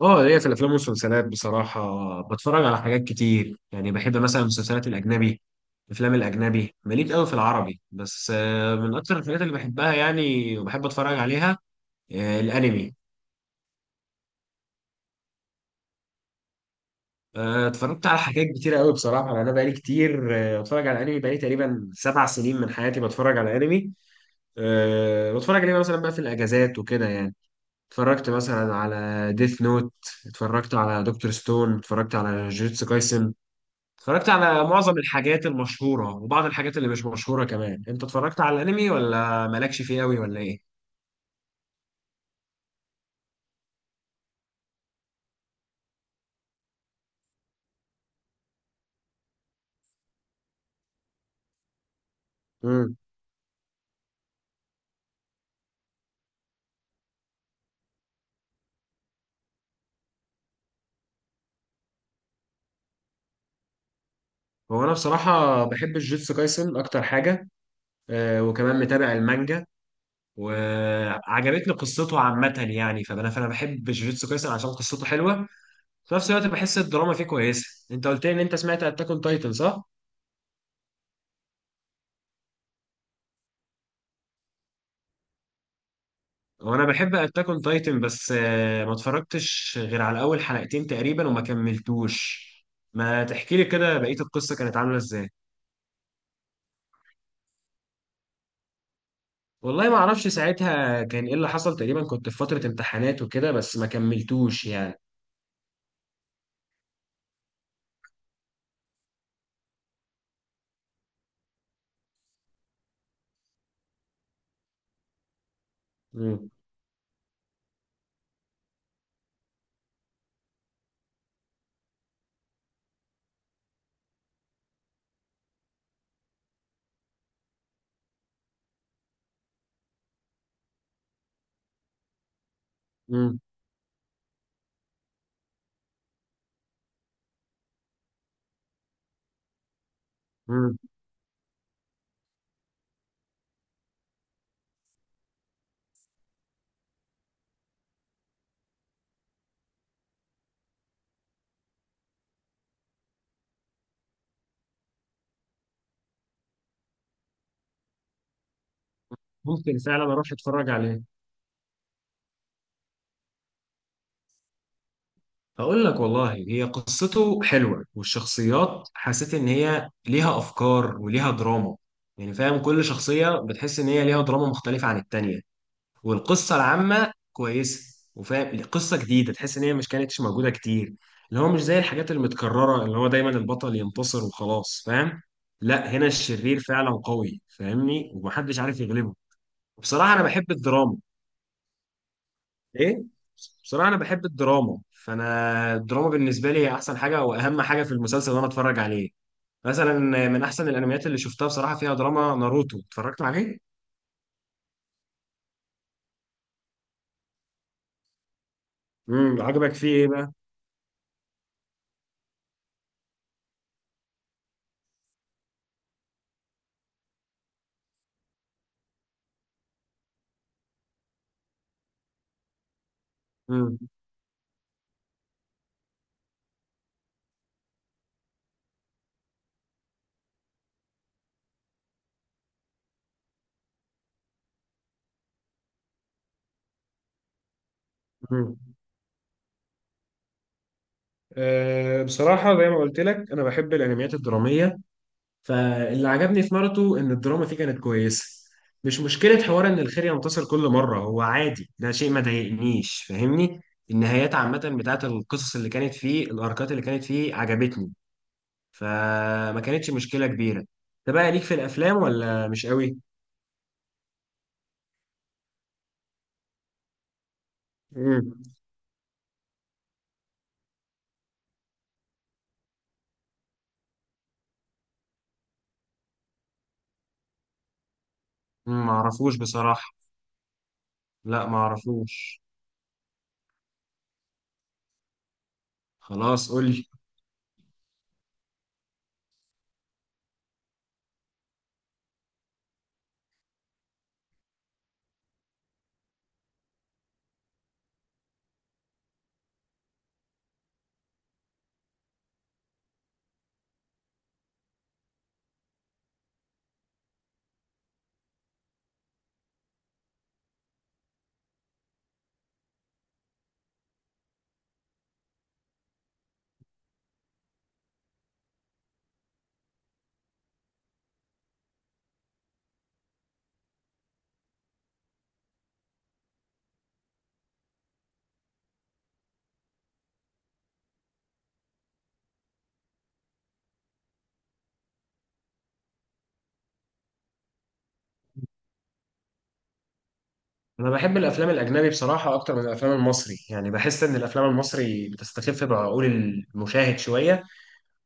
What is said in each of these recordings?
اه، هي في الافلام والمسلسلات بصراحه. بتفرج على حاجات كتير، يعني بحب مثلا المسلسلات الاجنبي. الافلام الاجنبي ماليش قوي في العربي، بس من اكتر الحاجات اللي بحبها يعني، وبحب اتفرج عليها. الانمي. اتفرجت على حاجات كتيره قوي بصراحه، يعني انا بقالي كتير بتفرج على الانمي، بقالي تقريبا 7 سنين من حياتي بتفرج على انمي. بتفرج عليه مثلا بقى في الاجازات وكده يعني. اتفرجت مثلا على ديث نوت، اتفرجت على دكتور ستون، اتفرجت على جوجوتسو كايسن. اتفرجت على معظم الحاجات المشهورة وبعض الحاجات اللي مش مشهورة كمان. انت اتفرجت على الانمي ولا مالكش فيه قوي، ولا ايه؟ امم هو انا بصراحة بحب الجيتسو كايسن اكتر حاجة. وكمان متابع المانجا. وعجبتني قصته عامة، يعني فانا بحب جوجيتسو كايسن عشان قصته حلوة. في نفس الوقت بحس الدراما فيه كويسة. انت قلت لي ان انت سمعت اتاك اون تايتن، صح؟ وانا بحب اتاك اون تايتن، بس ما اتفرجتش غير على اول حلقتين تقريبا وما كملتوش. ما تحكي لي كده بقية القصة كانت عاملة ازاي؟ والله ما اعرفش ساعتها كان ايه اللي حصل، تقريبا كنت في فترة امتحانات وكده، بس ما كملتوش يعني. مم. مم. مم. ممكن فعلا اروح اتفرج عليه. هقول لك والله، هي قصته حلوة والشخصيات حسيت ان هي ليها افكار وليها دراما. يعني فاهم كل شخصية بتحس ان هي ليها دراما مختلفة عن التانية. والقصه العامه كويسه، وفاهم قصه جديده تحس ان هي مش كانتش موجوده كتير. اللي هو مش زي الحاجات المتكرره، اللي هو دايما البطل ينتصر وخلاص فاهم. لا، هنا الشرير فعلا قوي فاهمني، ومحدش عارف يغلبه. بصراحه انا بحب الدراما. ايه. بصراحه انا بحب الدراما، فانا الدراما بالنسبه لي هي احسن حاجه واهم حاجه في المسلسل اللي انا اتفرج عليه. مثلا من احسن الانميات اللي شفتها بصراحه فيها دراما ناروتو، اتفرجت عليه. عجبك فيه ايه بقى؟ امم أه بصراحة زي ما قلت لك، أنا بحب الأنميات الدرامية. فاللي عجبني في ناروتو إن الدراما فيه كانت كويسة. مش مشكلة حوار إن الخير ينتصر كل مرة، هو عادي، ده شيء ما ضايقنيش فاهمني. النهايات عامة بتاعت القصص اللي كانت فيه، الأركات اللي كانت فيه عجبتني. فما كانتش مشكلة كبيرة. ده بقى ليك في الأفلام ولا مش قوي؟ مم. مم، معرفوش بصراحة. لا، معرفوش. خلاص قول لي. انا بحب الافلام الاجنبي بصراحه اكتر من الافلام المصري، يعني بحس ان الافلام المصري بتستخف بعقول المشاهد شويه.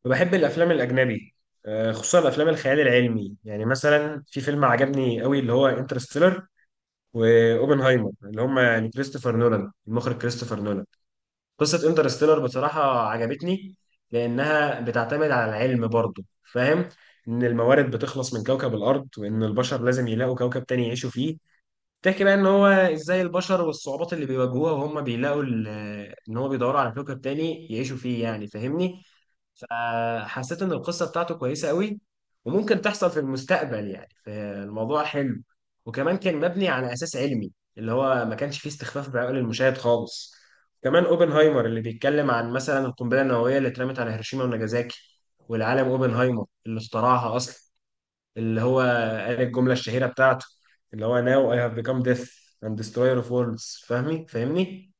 وبحب الافلام الاجنبي خصوصا الافلام الخيال العلمي. يعني مثلا في فيلم عجبني قوي اللي هو انترستيلر. واوبنهايمر، اللي هم يعني كريستوفر نولان، المخرج كريستوفر نولان. قصه انترستيلر بصراحه عجبتني، لانها بتعتمد على العلم برضه فاهم. ان الموارد بتخلص من كوكب الارض، وان البشر لازم يلاقوا كوكب تاني يعيشوا فيه. تحكي بقى ان هو ازاي البشر والصعوبات اللي بيواجهوها وهم بيلاقوا ان هو بيدوروا على كوكب تاني يعيشوا فيه، يعني فاهمني. فحسيت ان القصة بتاعته كويسة قوي. وممكن تحصل في المستقبل يعني، فالموضوع حلو. وكمان كان مبني على اساس علمي. اللي هو ما كانش فيه استخفاف بعقول المشاهد خالص. كمان اوبنهايمر اللي بيتكلم عن مثلا القنبلة النووية اللي اترمت على هيروشيما وناجازاكي. والعالم اوبنهايمر اللي اخترعها اصلا. اللي هو قال الجملة الشهيرة بتاعته، اللي هو now I have become death and destroyer of worlds. فاهمني؟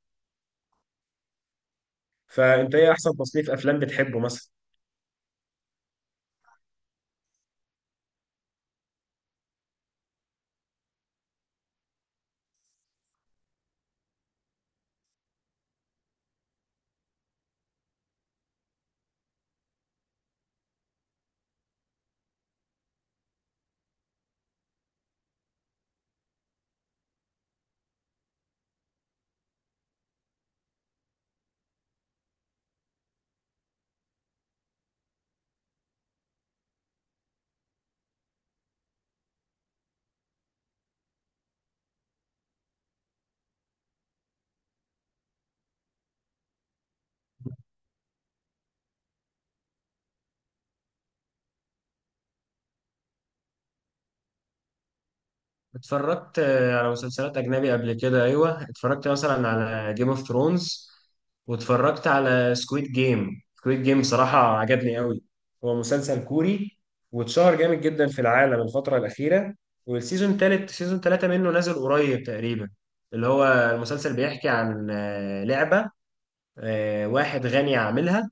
فانت ايه احسن تصنيف افلام بتحبه مثلا؟ اتفرجت على مسلسلات اجنبي قبل كده، ايوه. اتفرجت مثلا على جيم اوف ثرونز، واتفرجت على سكويد جيم. سكويد جيم صراحة عجبني قوي. هو مسلسل كوري، واتشهر جامد جدا في العالم الفترة الأخيرة. والسيزون تالت، سيزون تلاتة منه نازل قريب تقريبا. اللي هو المسلسل بيحكي عن لعبة. واحد غني عاملها،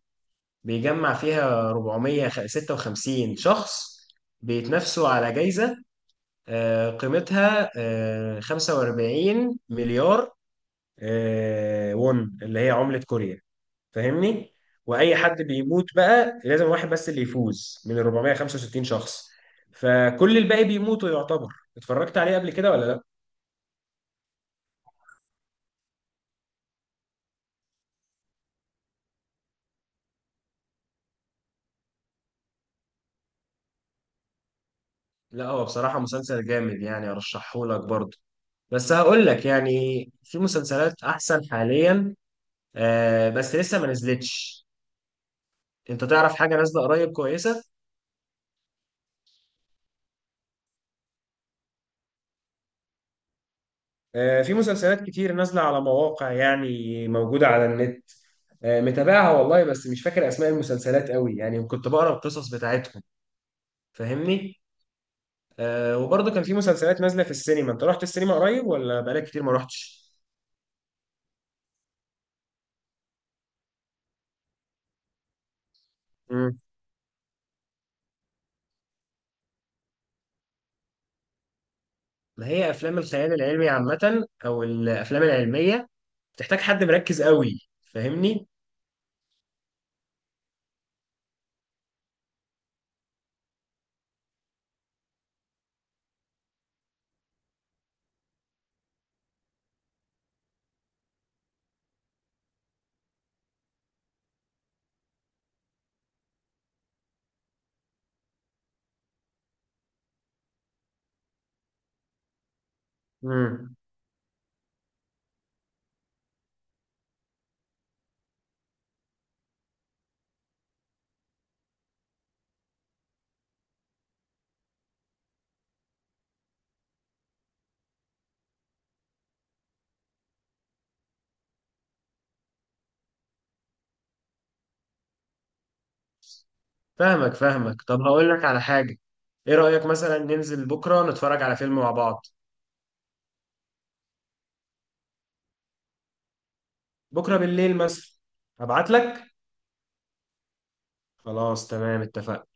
بيجمع فيها 456 شخص بيتنافسوا على جايزة قيمتها 45 مليار وون، اللي هي عملة كوريا، فاهمني؟ وأي حد بيموت، بقى لازم واحد بس اللي يفوز من ال 465 شخص. فكل الباقي بيموتوا يعتبر. اتفرجت عليه قبل كده ولا؟ لا. هو بصراحة مسلسل جامد يعني، أرشحه لك برضه. بس هقول لك يعني، في مسلسلات أحسن حاليا بس لسه ما نزلتش. أنت تعرف حاجة نازلة قريب كويسة؟ في مسلسلات كتير نازلة على مواقع، يعني موجودة على النت. متابعها والله، بس مش فاكر أسماء المسلسلات قوي يعني، كنت بقرأ القصص بتاعتهم فاهمني؟ وبرضه كان في مسلسلات نازلة في السينما. أنت رحت السينما قريب ولا بقالك كتير ما رحتش؟ ما هي افلام الخيال العلمي عامه او الافلام العلميه بتحتاج حد مركز قوي فاهمني. امم فاهمك فاهمك، طب هقول لك على حاجه. ايه رايك مثلا ننزل بكره نتفرج على فيلم مع بعض؟ بكره بالليل مثلا. ابعت لك. خلاص تمام، اتفقنا.